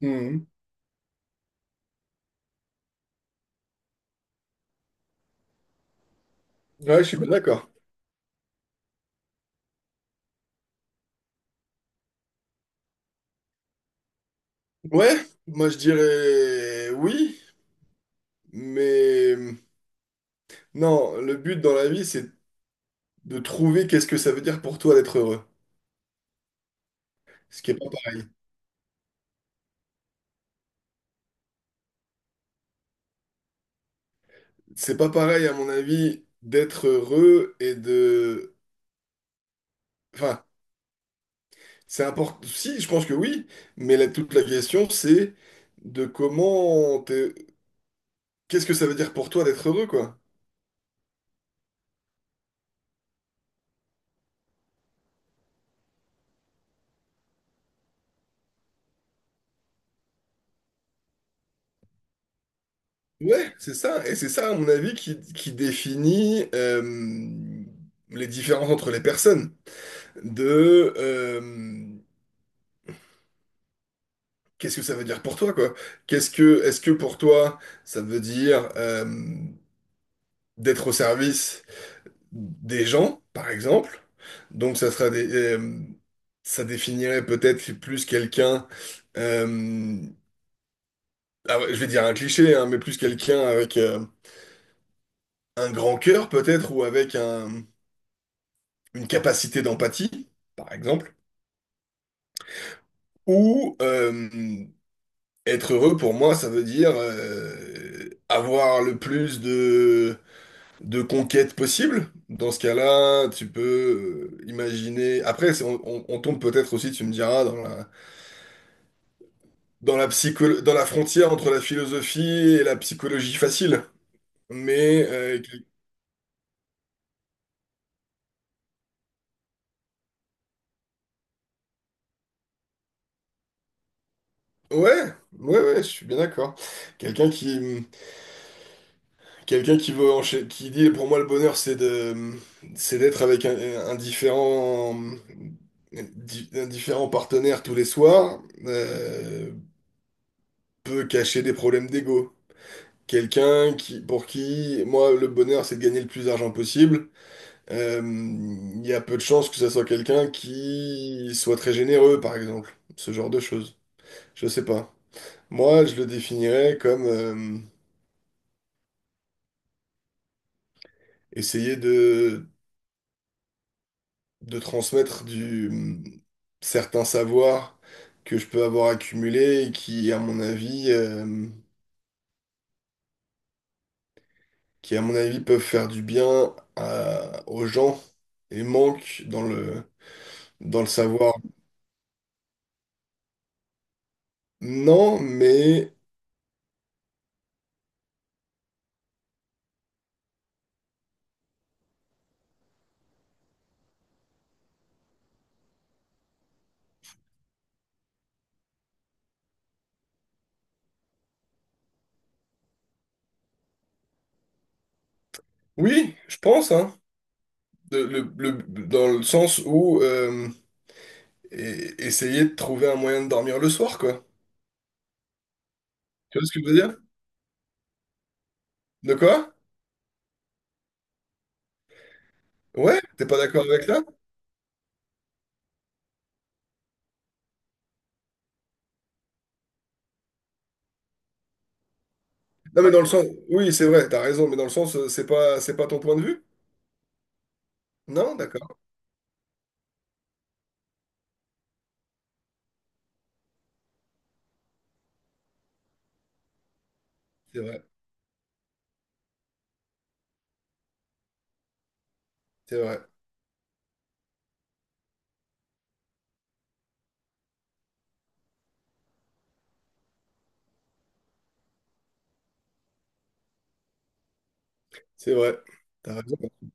Hmm. Ouais, je suis bien d'accord. Ouais, moi je dirais oui, mais non, le but dans la vie, c'est de trouver qu'est-ce que ça veut dire pour toi d'être heureux. Ce qui est pas pareil. C'est pas pareil, à mon avis, d'être heureux et de... Enfin, c'est important. Si, je pense que oui, mais toute la question, c'est de comment... Qu'est-ce que ça veut dire pour toi d'être heureux, quoi? Ouais, c'est ça. Et c'est ça, à mon avis, qui définit les différences entre les personnes. De Qu'est-ce que ça veut dire pour toi, quoi? Est-ce que pour toi, ça veut dire d'être au service des gens, par exemple? Donc ça sera ça définirait peut-être plus quelqu'un, euh, ah ouais, je vais dire un cliché, hein, mais plus quelqu'un avec un grand cœur peut-être ou avec une capacité d'empathie, par exemple. Ou Être heureux pour moi, ça veut dire avoir le plus de conquêtes possible. Dans ce cas-là, tu peux imaginer. Après, on, on tombe peut-être aussi, tu me diras, dans la, dans la dans la frontière entre la philosophie et la psychologie facile. Mais ouais, ouais, je suis bien d'accord. Quelqu'un qui Quelqu'un qui veut qui dit pour moi le bonheur c'est d'être avec un différent un différent partenaire tous les soirs peut cacher des problèmes d'ego. Quelqu'un qui pour qui moi le bonheur c'est de gagner le plus d'argent possible. euh, Il y a peu de chances que ça soit quelqu'un qui soit très généreux par exemple. Ce genre de choses. Je sais pas. Moi je le définirais comme essayer de transmettre du certains savoirs que je peux avoir accumulé et qui, à mon avis, qui, à mon avis, peuvent faire du bien aux gens et manquent dans le savoir. Non, mais oui, je pense, hein, De- le- le- dans le sens où essayer de trouver un moyen de dormir le soir, quoi. Tu vois ce que je veux dire? De quoi? Ouais, t'es pas d'accord avec ça? Non, mais dans le sens, oui, c'est vrai, t'as raison, mais dans le sens, c'est pas ton point de vue? Non, d'accord, c'est vrai, c'est vrai, c'est vrai. T'as raison.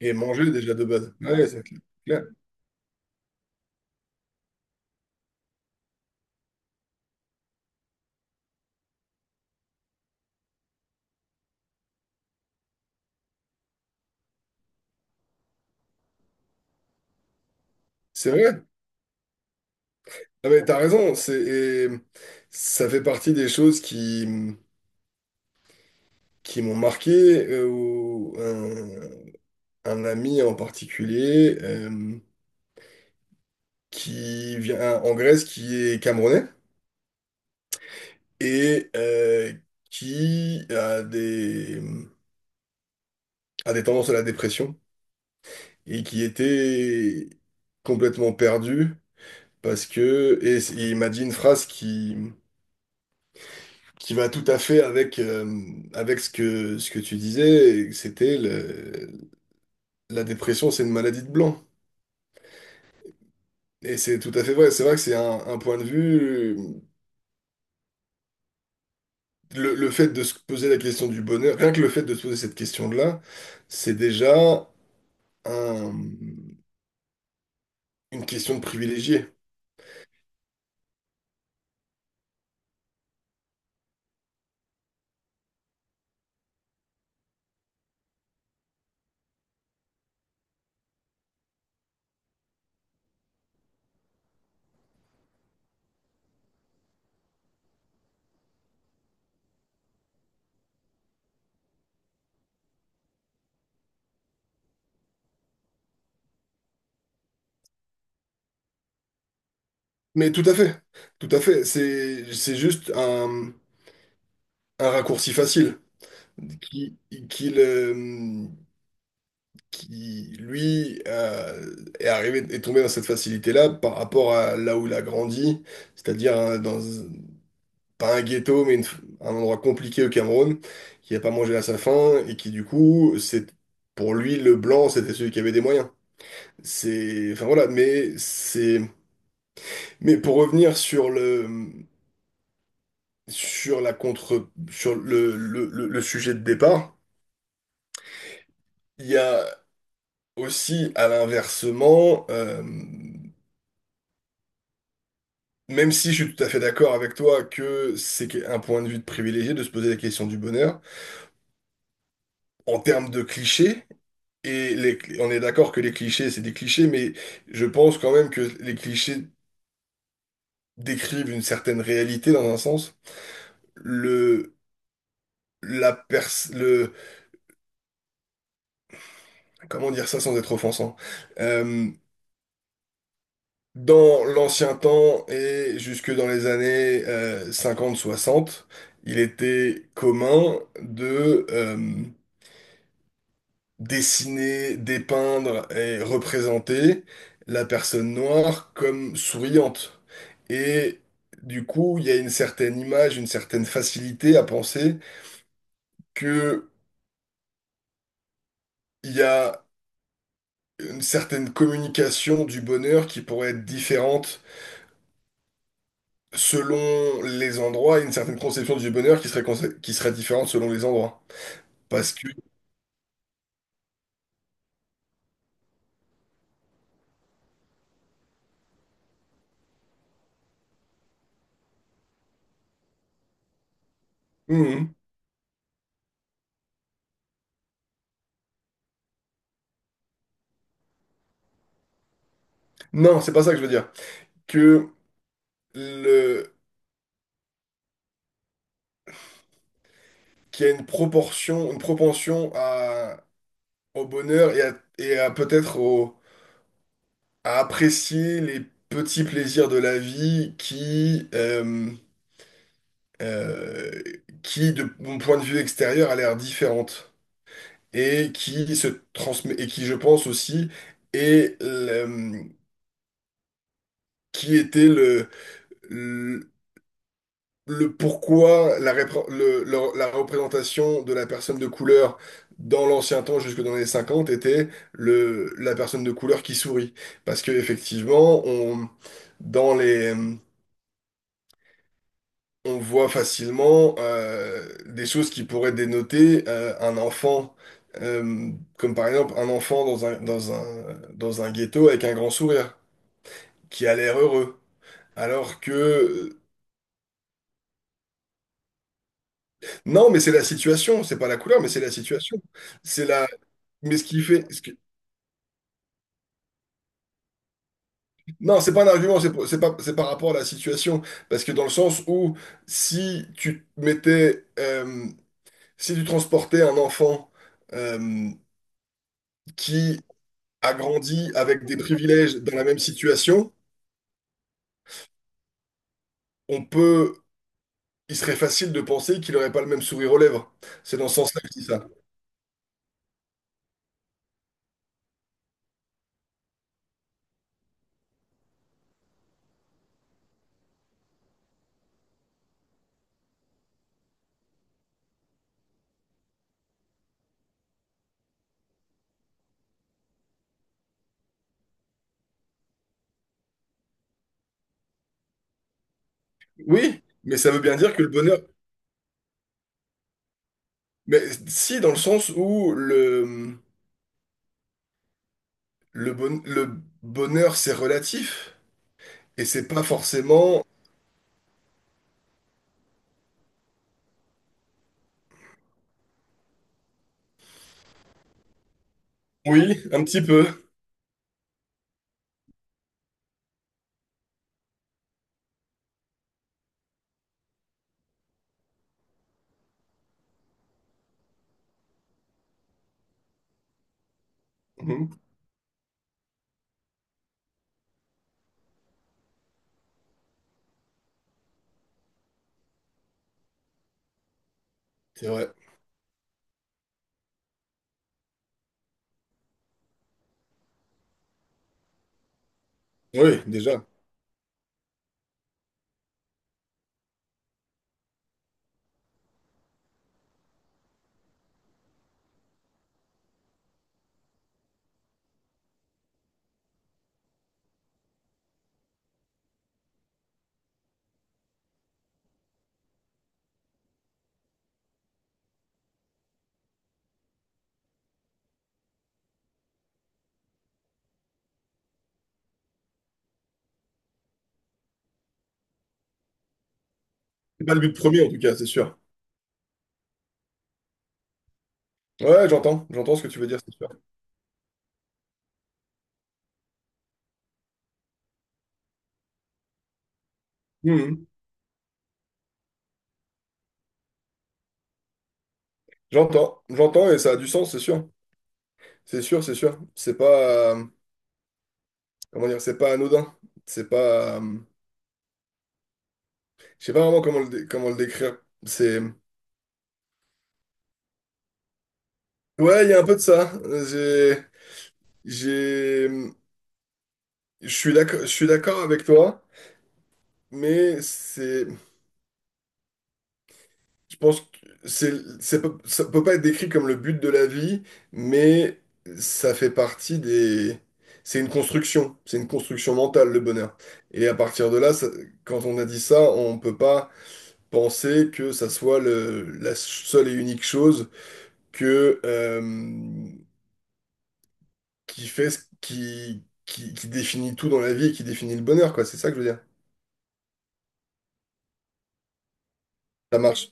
Et manger déjà de base. Ah ouais, c'est clair. C'est vrai. Ah mais t'as raison. C'est et ça fait partie des choses qui m'ont marqué ou un ami en particulier qui vient en Grèce, qui est camerounais et qui a des tendances à la dépression et qui était complètement perdu parce que et il m'a dit une phrase qui va tout à fait avec avec ce que tu disais et c'était la dépression c'est une maladie de blanc et c'est tout à fait vrai, c'est vrai que c'est un point de vue, le fait de se poser la question du bonheur, rien que le fait de se poser cette question-là c'est déjà un- une question de privilégié. Mais tout à fait, tout à fait, c'est juste un raccourci facile qui, qui le- qui, lui, est arrivé, est tombé dans cette facilité-là par rapport à là où il a grandi, c'est-à-dire dans, pas un ghetto, mais un endroit compliqué au Cameroun, qui n'a pas mangé à sa faim, et qui, du coup, c'est, pour lui, le blanc, c'était celui qui avait des moyens. C'est, enfin voilà, mais c'est, mais pour revenir sur le, sur le sujet de départ, il y a aussi à l'inversement, même si je suis tout à fait d'accord avec toi que c'est un point de vue de privilégié de se poser la question du bonheur, en termes de clichés, et on est d'accord que les clichés, c'est des clichés, mais je pense quand même que les clichés décrivent une certaine réalité dans un sens. Le, le, comment dire ça sans être offensant? Euh, Dans l'ancien temps et jusque dans les années cinquante soixante il était commun de dessiner, dépeindre et représenter la personne noire comme souriante. Et du coup, il y a une certaine image, une certaine facilité à penser que il y a une certaine communication du bonheur qui pourrait être différente selon les endroits et une certaine conception du bonheur qui serait, qui serait différente selon les endroits. Parce que... Mhm. Non, c'est pas ça que je veux dire. Que le... qu'il y a une proportion, une propension à au bonheur et à peut-être à apprécier les petits plaisirs de la vie qui, euh, qui de mon point de vue extérieur, a l'air différente et qui se transmet et qui, je pense aussi, est qui était le pourquoi la, la représentation de la personne de couleur dans l'ancien temps jusque dans les 50 était le, la personne de couleur qui sourit. Parce que effectivement, on, dans les, on voit facilement des choses qui pourraient dénoter un enfant. euh, Comme par exemple un enfant dans un, dans un, dans un ghetto avec un grand sourire, qui a l'air heureux. Alors que... Non, mais c'est la situation, c'est pas la couleur, mais c'est la situation. C'est la, mais ce qui fait... Non, c'est pas un argument, c'est pas, c'est par rapport à la situation. Parce que dans le sens où si tu mettais... si tu transportais un enfant euh, qui a grandi avec des privilèges dans la même situation, on peut... Il serait facile de penser qu'il n'aurait pas le même sourire aux lèvres. C'est dans ce sens-là que je dis ça. Oui, mais ça veut bien dire que le bonheur... Mais si, dans le sens où le, le bonheur, c'est relatif. Et c'est pas forcément... Oui, un petit peu. Mhm, c'est vrai. Oui, déjà. C'est pas le but premier, en tout cas, c'est sûr. Ouais, j'entends. J'entends ce que tu veux dire, c'est sûr. Mhm. J'entends. J'entends et ça a du sens, c'est sûr. C'est sûr, c'est sûr. C'est pas... comment dire? C'est pas anodin. C'est pas... je sais pas vraiment comment le, comment le décrire. C'est... Ouais, il y a un peu de ça. J'ai... J'ai... je suis d'accord avec toi, mais c'est... Je pense que c'est, ça peut pas être décrit comme le but de la vie, mais ça fait partie des... c'est une construction mentale, le bonheur. Et à partir de là, quand on a dit ça, on peut pas penser que ça soit la seule et unique chose que, qui fait, qui définit tout dans la vie et qui définit le bonheur, quoi. C'est ça que je veux dire. Ça marche.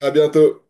À bientôt.